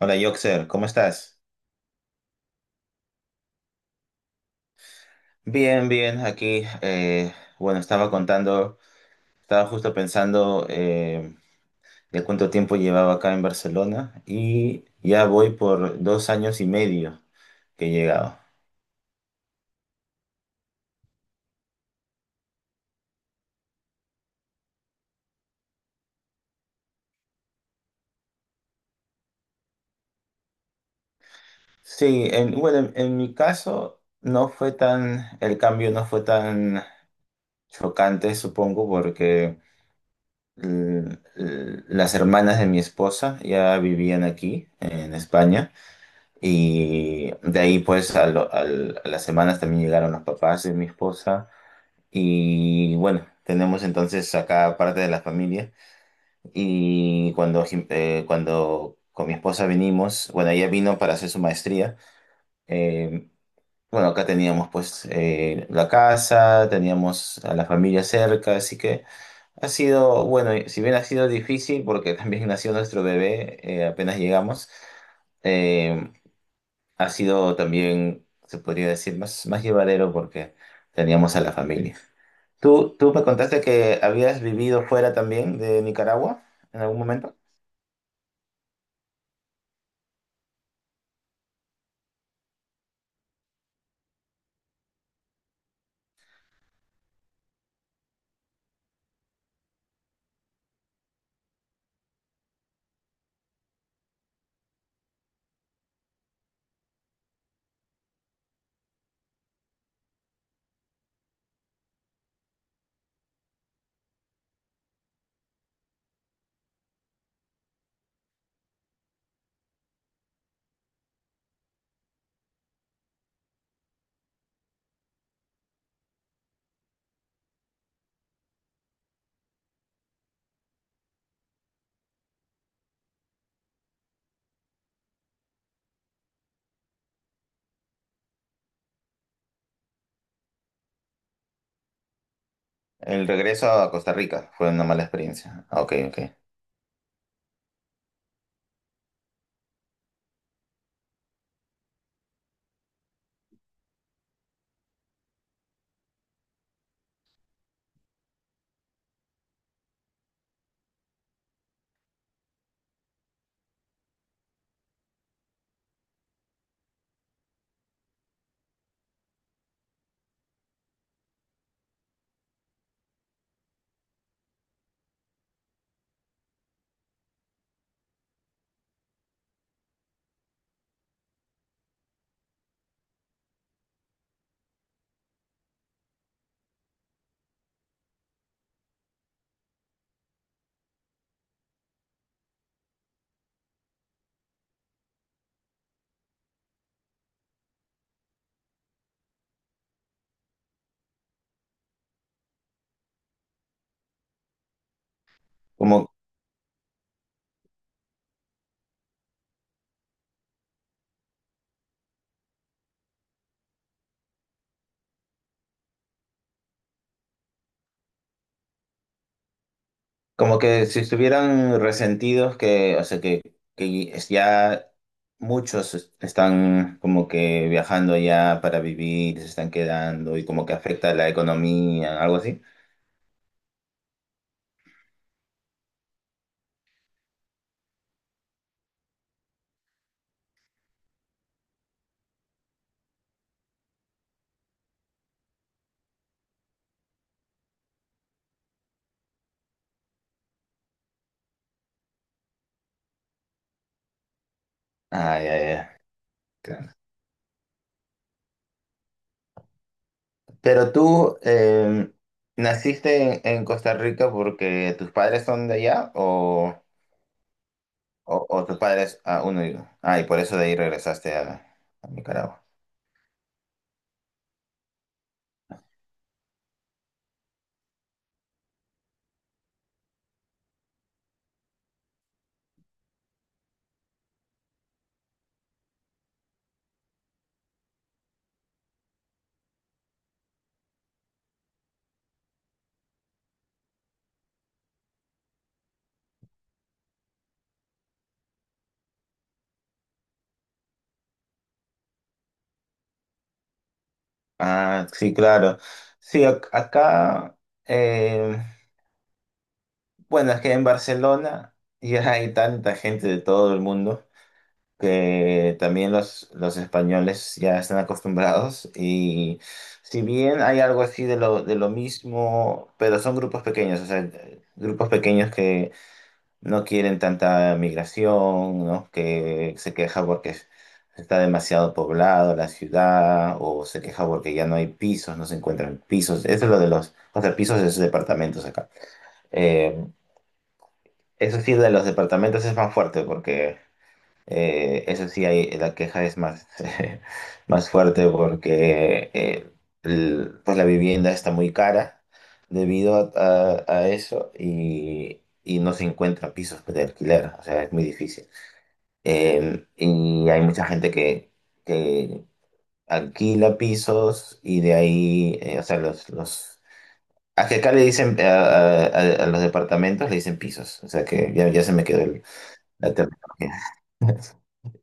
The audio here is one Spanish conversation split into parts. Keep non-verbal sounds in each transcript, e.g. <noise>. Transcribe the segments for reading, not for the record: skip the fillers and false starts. Hola, Yoxer, ¿cómo estás? Bien, bien, aquí, bueno, estaba estaba justo pensando de cuánto tiempo llevaba acá en Barcelona y ya voy por 2 años y medio que he llegado. Sí, bueno, en mi caso no fue tan, el cambio no fue tan chocante, supongo, porque las hermanas de mi esposa ya vivían aquí, en España. Y de ahí, pues, a las semanas también llegaron los papás de mi esposa. Y bueno, tenemos entonces acá parte de la familia. Y cuando con mi esposa vinimos, bueno, ella vino para hacer su maestría. eh, bueno, acá teníamos pues la casa, teníamos a la familia cerca, así que ha sido, bueno, si bien ha sido difícil porque <laughs> también nació nuestro bebé apenas llegamos. eh, Ha sido también, se podría decir, más llevadero porque teníamos a la familia. ¿Tú me contaste que habías vivido fuera también de Nicaragua en algún momento? El regreso a Costa Rica fue una mala experiencia. Ah, Ok, ok. Como, Como que si estuvieran resentidos que, o sea, que, ya muchos están como que viajando ya para vivir, se están quedando y como que afecta la economía, algo así. Ah, ya, ya. Pero tú naciste en Costa Rica porque tus padres son de allá o tus padres, ah, uno y uno. Ah, y por eso de ahí regresaste a Nicaragua. Ah, sí, claro. Sí, acá, em, bueno, es que en Barcelona <laughs> ya hay tanta gente de todo el mundo. Que también los españoles ya están acostumbrados y si bien hay algo así de de lo mismo, pero son grupos pequeños, o sea, grupos pequeños que no quieren tanta migración, ¿no? Que se queja porque está demasiado poblado la ciudad o se queja porque ya no hay pisos, no se encuentran pisos. Eso es lo de los, o sea, pisos es departamentos acá. Eh, eso sí, de los departamentos es más fuerte porque... Eso sí, hay, la queja es más, <laughs> más fuerte porque el- pues la vivienda está muy cara debido a, a eso y no se encuentran pisos de alquiler, o sea, es muy difícil. Y hay mucha gente que alquila pisos y de ahí, o sea, los... A que acá le dicen, a los departamentos le dicen pisos, o sea que ya, ya se me quedó la terminología. <laughs>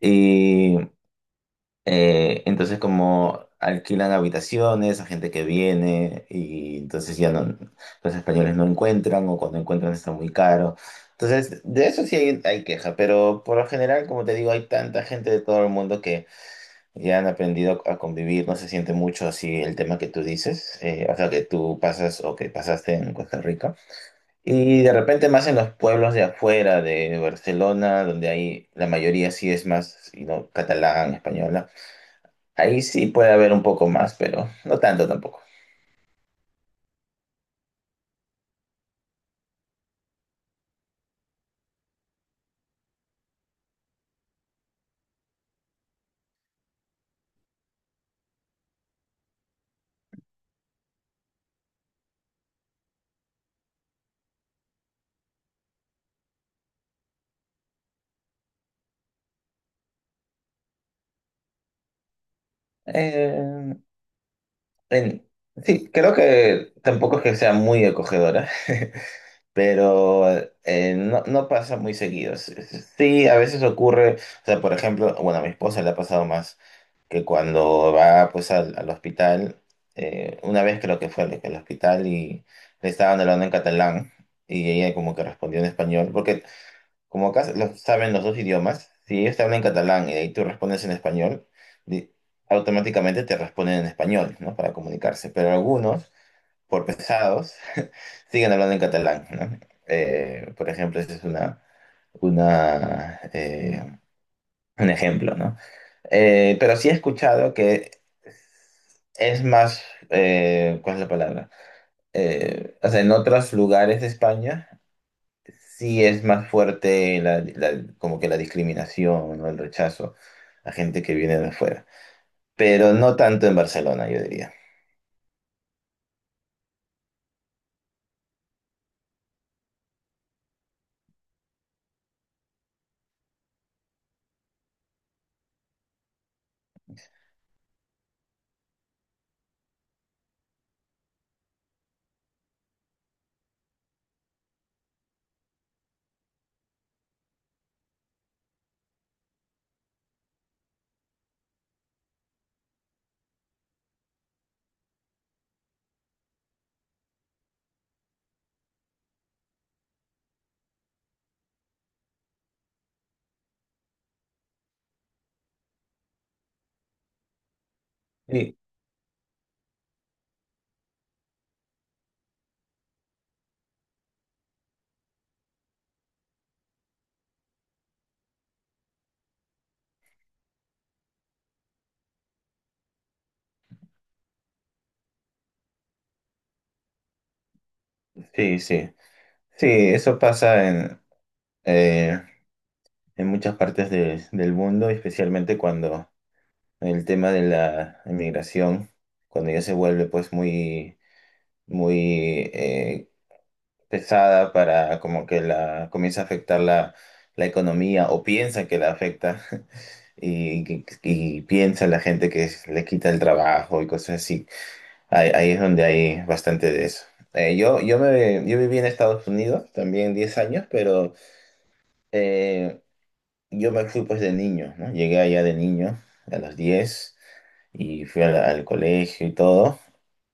Y, entonces como alquilan habitaciones a gente que viene y entonces ya no, los españoles no encuentran o cuando encuentran está muy caro. Entonces, de eso sí hay queja, pero por lo general, como te digo, hay tanta gente de todo el mundo que ya han aprendido a convivir, no se siente mucho así el tema que tú dices, o sea, que tú pasas o que pasaste en Costa Rica. Y de repente más en los pueblos de afuera de Barcelona, donde hay la mayoría sí es más, you know, catalán, español. Ahí sí puede haber un poco más, pero no tanto tampoco. Eh, en- sí, creo que tampoco es que sea muy acogedora, <laughs> pero no, no pasa muy seguido. S- Sí, a veces ocurre, o sea, por ejemplo, bueno, a mi esposa le ha pasado más que cuando va pues al hospital, una vez creo que fue al hospital y le estaban hablando en catalán y ella como que respondió en español, porque como acá saben los dos idiomas, si ellos te hablan en catalán y ahí tú respondes en español, di- automáticamente te responden en español, ¿no? Para comunicarse. Pero algunos, por pesados, <laughs> siguen hablando en catalán, ¿no? Por ejemplo, ese es una, eh, un ejemplo, ¿no? Pero sí he escuchado que es más, ¿cuál es la palabra? O sea, en otros lugares de España. Sí, es más fuerte como que la discriminación o el rechazo a gente que viene de afuera. Pero no tanto en Barcelona, yo diría. Sí, sí. Sí, eso pasa eh, en muchas partes de- del mundo, especialmente cuando el tema de la inmigración, cuando ya se vuelve pues muy, muy pesada para como que la comienza a afectar la economía o piensa que la afecta y, y piensa la gente que le quita el trabajo y cosas así. Ahí, ahí es donde hay bastante de eso. Yo viví en Estados Unidos también 10 años, pero eh, yo me fui pues de niño, ¿no? Llegué allá de niño a los 10 y fui al colegio y todo.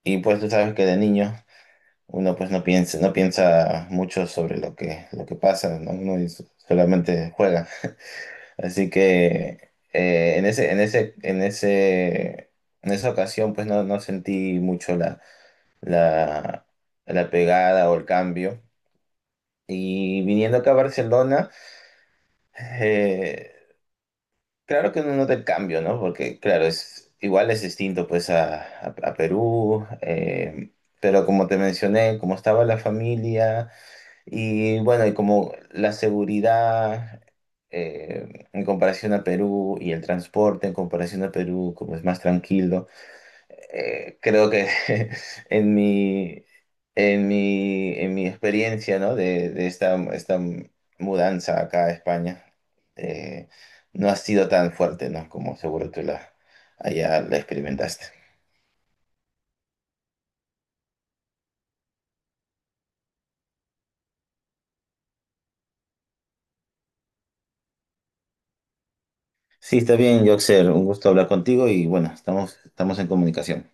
Y pues tú sabes que de niño uno pues no piensa, no piensa mucho sobre lo lo que pasa, ¿no? Uno solamente juega. Así que en esa ocasión, pues no, no sentí mucho la, la pegada o el cambio. Y viniendo acá a Barcelona, eh, claro que no nota el cambio, ¿no? Porque, claro, es, igual es distinto pues a, a Perú, pero como te mencioné, como estaba la familia. Y bueno, y como la seguridad en comparación a Perú y el transporte en comparación a Perú, como es más tranquilo, creo que <laughs> en mi, en mi experiencia, ¿no? de, esta mudanza acá a España, eh, no ha sido tan fuerte, ¿no? como seguro tú la, allá la experimentaste. Sí, está bien, Yoxer, un gusto hablar contigo y bueno, estamos, estamos en comunicación.